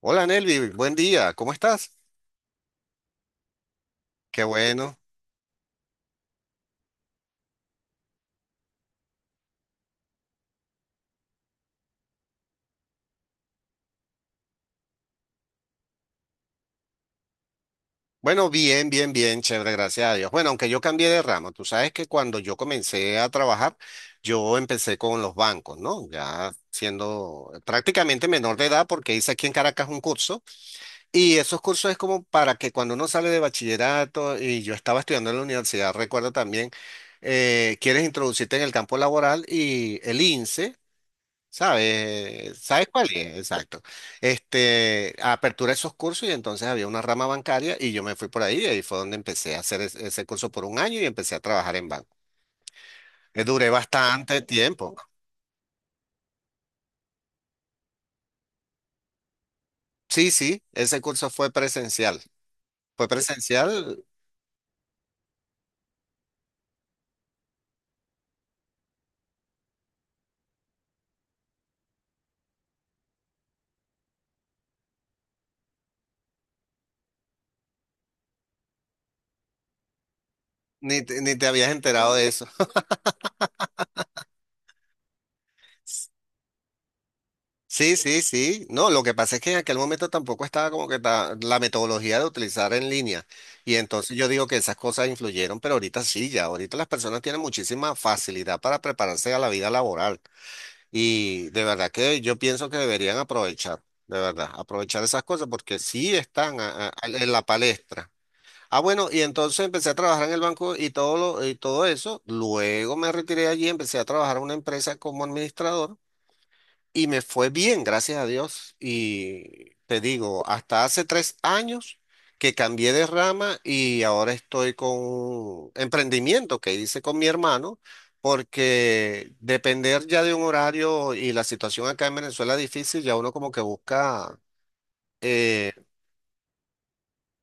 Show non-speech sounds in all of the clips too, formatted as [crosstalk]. Hola Nelvi, buen día, ¿cómo estás? Qué bueno. Bueno, bien, bien, bien, chévere, gracias a Dios. Bueno, aunque yo cambié de ramo, tú sabes que cuando yo comencé a trabajar, yo empecé con los bancos, ¿no? Ya siendo prácticamente menor de edad, porque hice aquí en Caracas un curso, y esos cursos es como para que cuando uno sale de bachillerato, y yo estaba estudiando en la universidad, recuerdo también, quieres introducirte en el campo laboral y el INSEE. ¿Sabes? ¿Sabes cuál es? Exacto. Este, apertura esos cursos y entonces había una rama bancaria y yo me fui por ahí y ahí fue donde empecé a hacer ese curso por un año y empecé a trabajar en banco. Duré bastante tiempo. Sí, sí, ese curso fue presencial. Fue presencial, ni te habías enterado de eso. [laughs] Sí, sí, sí. No, lo que pasa es que en aquel momento tampoco estaba como que la metodología de utilizar en línea. Y entonces yo digo que esas cosas influyeron, pero ahorita sí, ya. Ahorita las personas tienen muchísima facilidad para prepararse a la vida laboral. Y de verdad que yo pienso que deberían aprovechar, de verdad, aprovechar esas cosas porque sí están en la palestra. Ah, bueno, y entonces empecé a trabajar en el banco y todo eso. Luego me retiré de allí, empecé a trabajar en una empresa como administrador y me fue bien, gracias a Dios. Y te digo, hasta hace 3 años que cambié de rama y ahora estoy con un emprendimiento que hice con mi hermano, porque depender ya de un horario y la situación acá en Venezuela es difícil, ya uno como que busca, eh,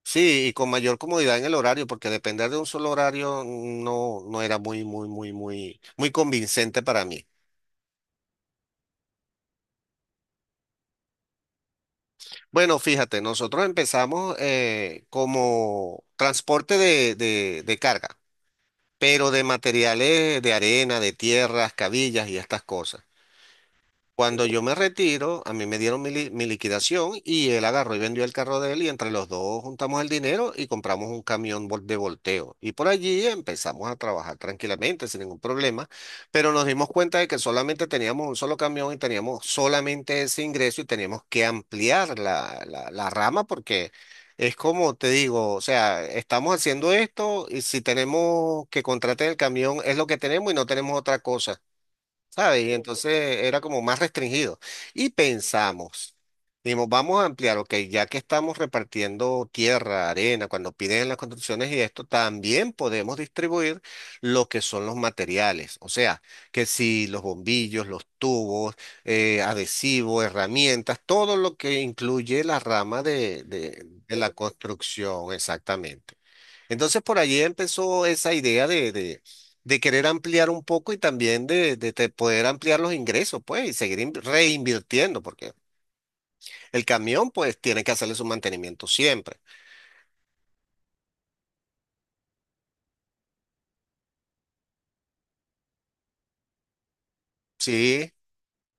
sí, y con mayor comodidad en el horario, porque depender de un solo horario no era muy, muy, muy, muy, muy convincente para mí. Bueno, fíjate, nosotros empezamos como transporte de carga, pero de materiales de arena, de tierras, cabillas y estas cosas. Cuando yo me retiro, a mí me dieron mi liquidación y él agarró y vendió el carro de él y entre los dos juntamos el dinero y compramos un camión de volteo. Y por allí empezamos a trabajar tranquilamente, sin ningún problema, pero nos dimos cuenta de que solamente teníamos un solo camión y teníamos solamente ese ingreso y teníamos que ampliar la rama porque es como te digo, o sea, estamos haciendo esto y si tenemos que contratar el camión es lo que tenemos y no tenemos otra cosa. ¿Sabes? Y entonces era como más restringido. Y pensamos, dijimos, vamos a ampliar, ok, ya que estamos repartiendo tierra, arena, cuando piden las construcciones y esto, también podemos distribuir lo que son los materiales. O sea, que si los bombillos, los tubos, adhesivos, herramientas, todo lo que incluye la rama de la construcción, exactamente. Entonces por allí empezó esa idea de querer ampliar un poco y también poder ampliar los ingresos, pues, y seguir reinvirtiendo, porque el camión, pues, tiene que hacerle su mantenimiento siempre. Sí,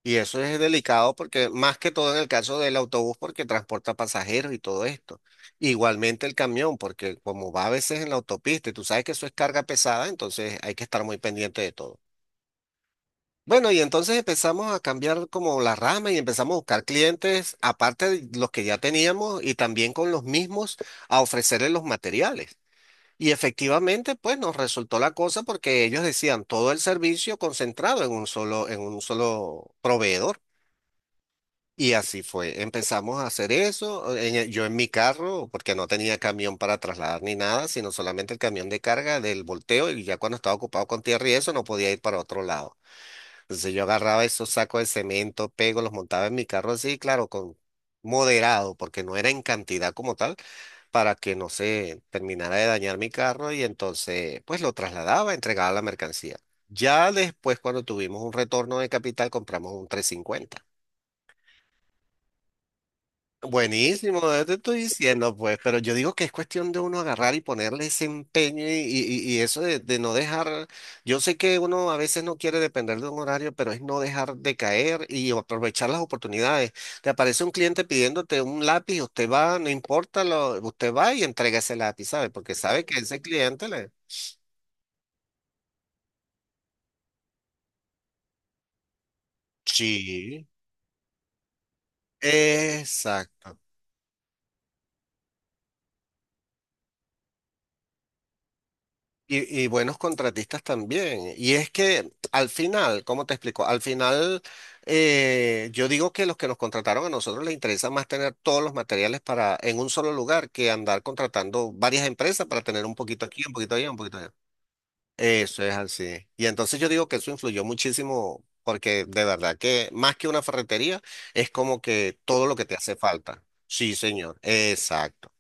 y eso es delicado porque más que todo en el caso del autobús, porque transporta pasajeros y todo esto. Igualmente el camión, porque como va a veces en la autopista y tú sabes que eso es carga pesada, entonces hay que estar muy pendiente de todo. Bueno, y entonces empezamos a cambiar como la rama y empezamos a buscar clientes, aparte de los que ya teníamos y también con los mismos, a ofrecerles los materiales. Y efectivamente, pues nos resultó la cosa porque ellos decían todo el servicio concentrado en un solo proveedor. Y así fue. Empezamos a hacer eso. Yo en mi carro, porque no tenía camión para trasladar ni nada, sino solamente el camión de carga del volteo. Y ya cuando estaba ocupado con tierra y eso, no podía ir para otro lado. Entonces yo agarraba esos sacos de cemento, pego, los montaba en mi carro así, claro, con moderado, porque no era en cantidad como tal, para que no se terminara de dañar mi carro y entonces pues lo trasladaba, entregaba la mercancía. Ya después cuando tuvimos un retorno de capital compramos un 350. Buenísimo, yo te estoy diciendo, pues, pero yo digo que es cuestión de uno agarrar y ponerle ese empeño y eso de no dejar, yo sé que uno a veces no quiere depender de un horario, pero es no dejar de caer y aprovechar las oportunidades. Te aparece un cliente pidiéndote un lápiz, usted va, no importa, usted va y entrega ese lápiz, ¿sabe? Porque sabe que ese cliente le... Sí. Exacto. Y buenos contratistas también. Y es que al final, ¿cómo te explico? Al final, yo digo que los que nos contrataron a nosotros les interesa más tener todos los materiales para en un solo lugar que andar contratando varias empresas para tener un poquito aquí, un poquito allá, un poquito allá. Eso es así. Y entonces yo digo que eso influyó muchísimo porque de verdad que más que una ferretería es como que todo lo que te hace falta. Sí, señor. Exacto.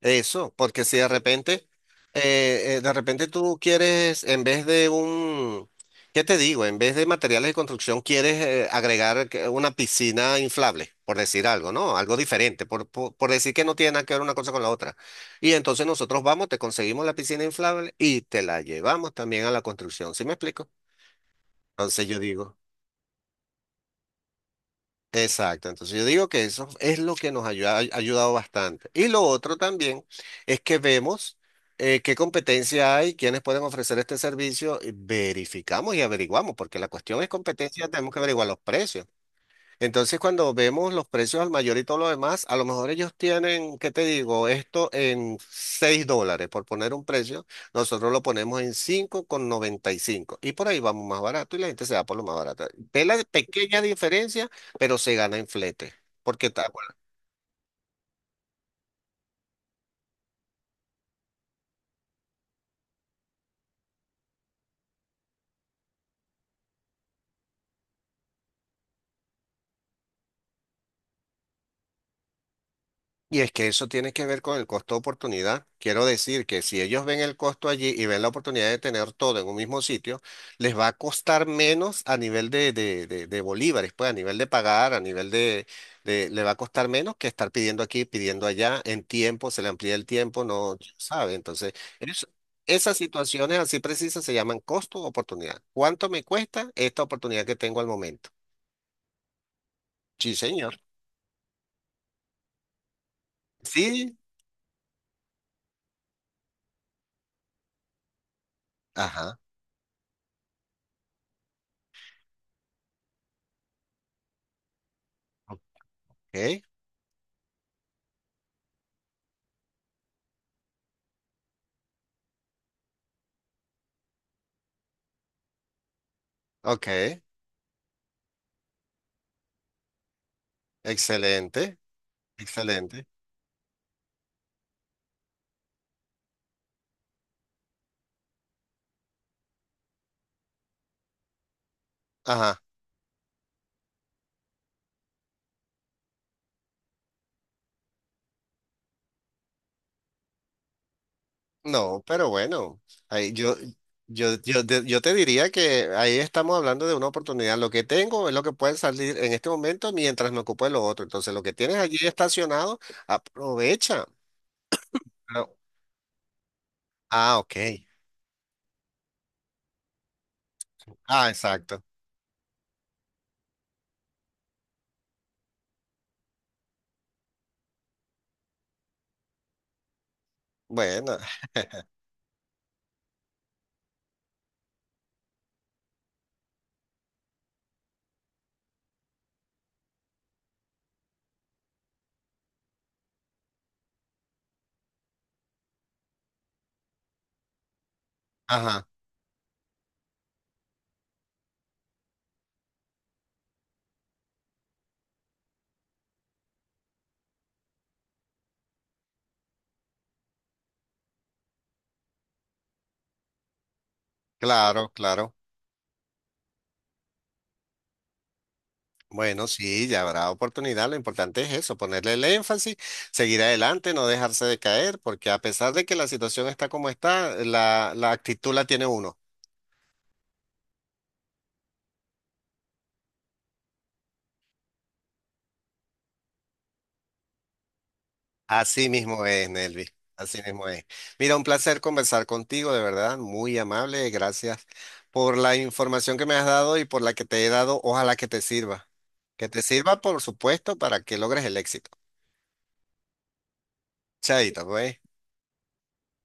Eso, porque si de repente, de repente tú quieres, en vez de un, ¿qué te digo? En vez de materiales de construcción, quieres agregar una piscina inflable, por decir algo, ¿no? Algo diferente, por decir que no tiene nada que ver una cosa con la otra. Y entonces nosotros vamos, te conseguimos la piscina inflable y te la llevamos también a la construcción, ¿sí me explico? Entonces yo digo. Exacto, entonces yo digo que eso es lo que nos ha ayudado bastante. Y lo otro también es que vemos qué competencia hay, quiénes pueden ofrecer este servicio, y verificamos y averiguamos, porque la cuestión es competencia, tenemos que averiguar los precios. Entonces, cuando vemos los precios al mayor y todo lo demás, a lo mejor ellos tienen, ¿qué te digo? Esto en $6, por poner un precio, nosotros lo ponemos en 5,95 y cinco. Y por ahí vamos más barato y la gente se va por lo más barato. Ve la pequeña diferencia, pero se gana en flete, porque y es que eso tiene que ver con el costo de oportunidad. Quiero decir que si ellos ven el costo allí y ven la oportunidad de tener todo en un mismo sitio, les va a costar menos a nivel de bolívares, pues a nivel de pagar, a nivel le va a costar menos que estar pidiendo aquí, pidiendo allá, en tiempo, se le amplía el tiempo, no sabe. Entonces, es- esas situaciones así precisas se llaman costo de oportunidad. ¿Cuánto me cuesta esta oportunidad que tengo al momento? Sí, señor. Sí. Ajá. Ok. Ok. Excelente, excelente. Ajá. No, pero bueno, ahí yo te diría que ahí estamos hablando de una oportunidad. Lo que tengo es lo que puede salir en este momento mientras me ocupo de lo otro. Entonces, lo que tienes allí estacionado, aprovecha. Ah, ah, ok. Ah, exacto. Bueno, ajá, claro, claro. Bueno, sí, ya habrá oportunidad. Lo importante es eso, ponerle el énfasis, seguir adelante, no dejarse de caer, porque a pesar de que la situación está como está, la actitud la tiene uno. Así mismo es, Nelvi. Así mismo es. Mira, un placer conversar contigo, de verdad, muy amable. Gracias por la información que me has dado y por la que te he dado. Ojalá que te sirva. Que te sirva, por supuesto, para que logres el éxito. Chaito, pues.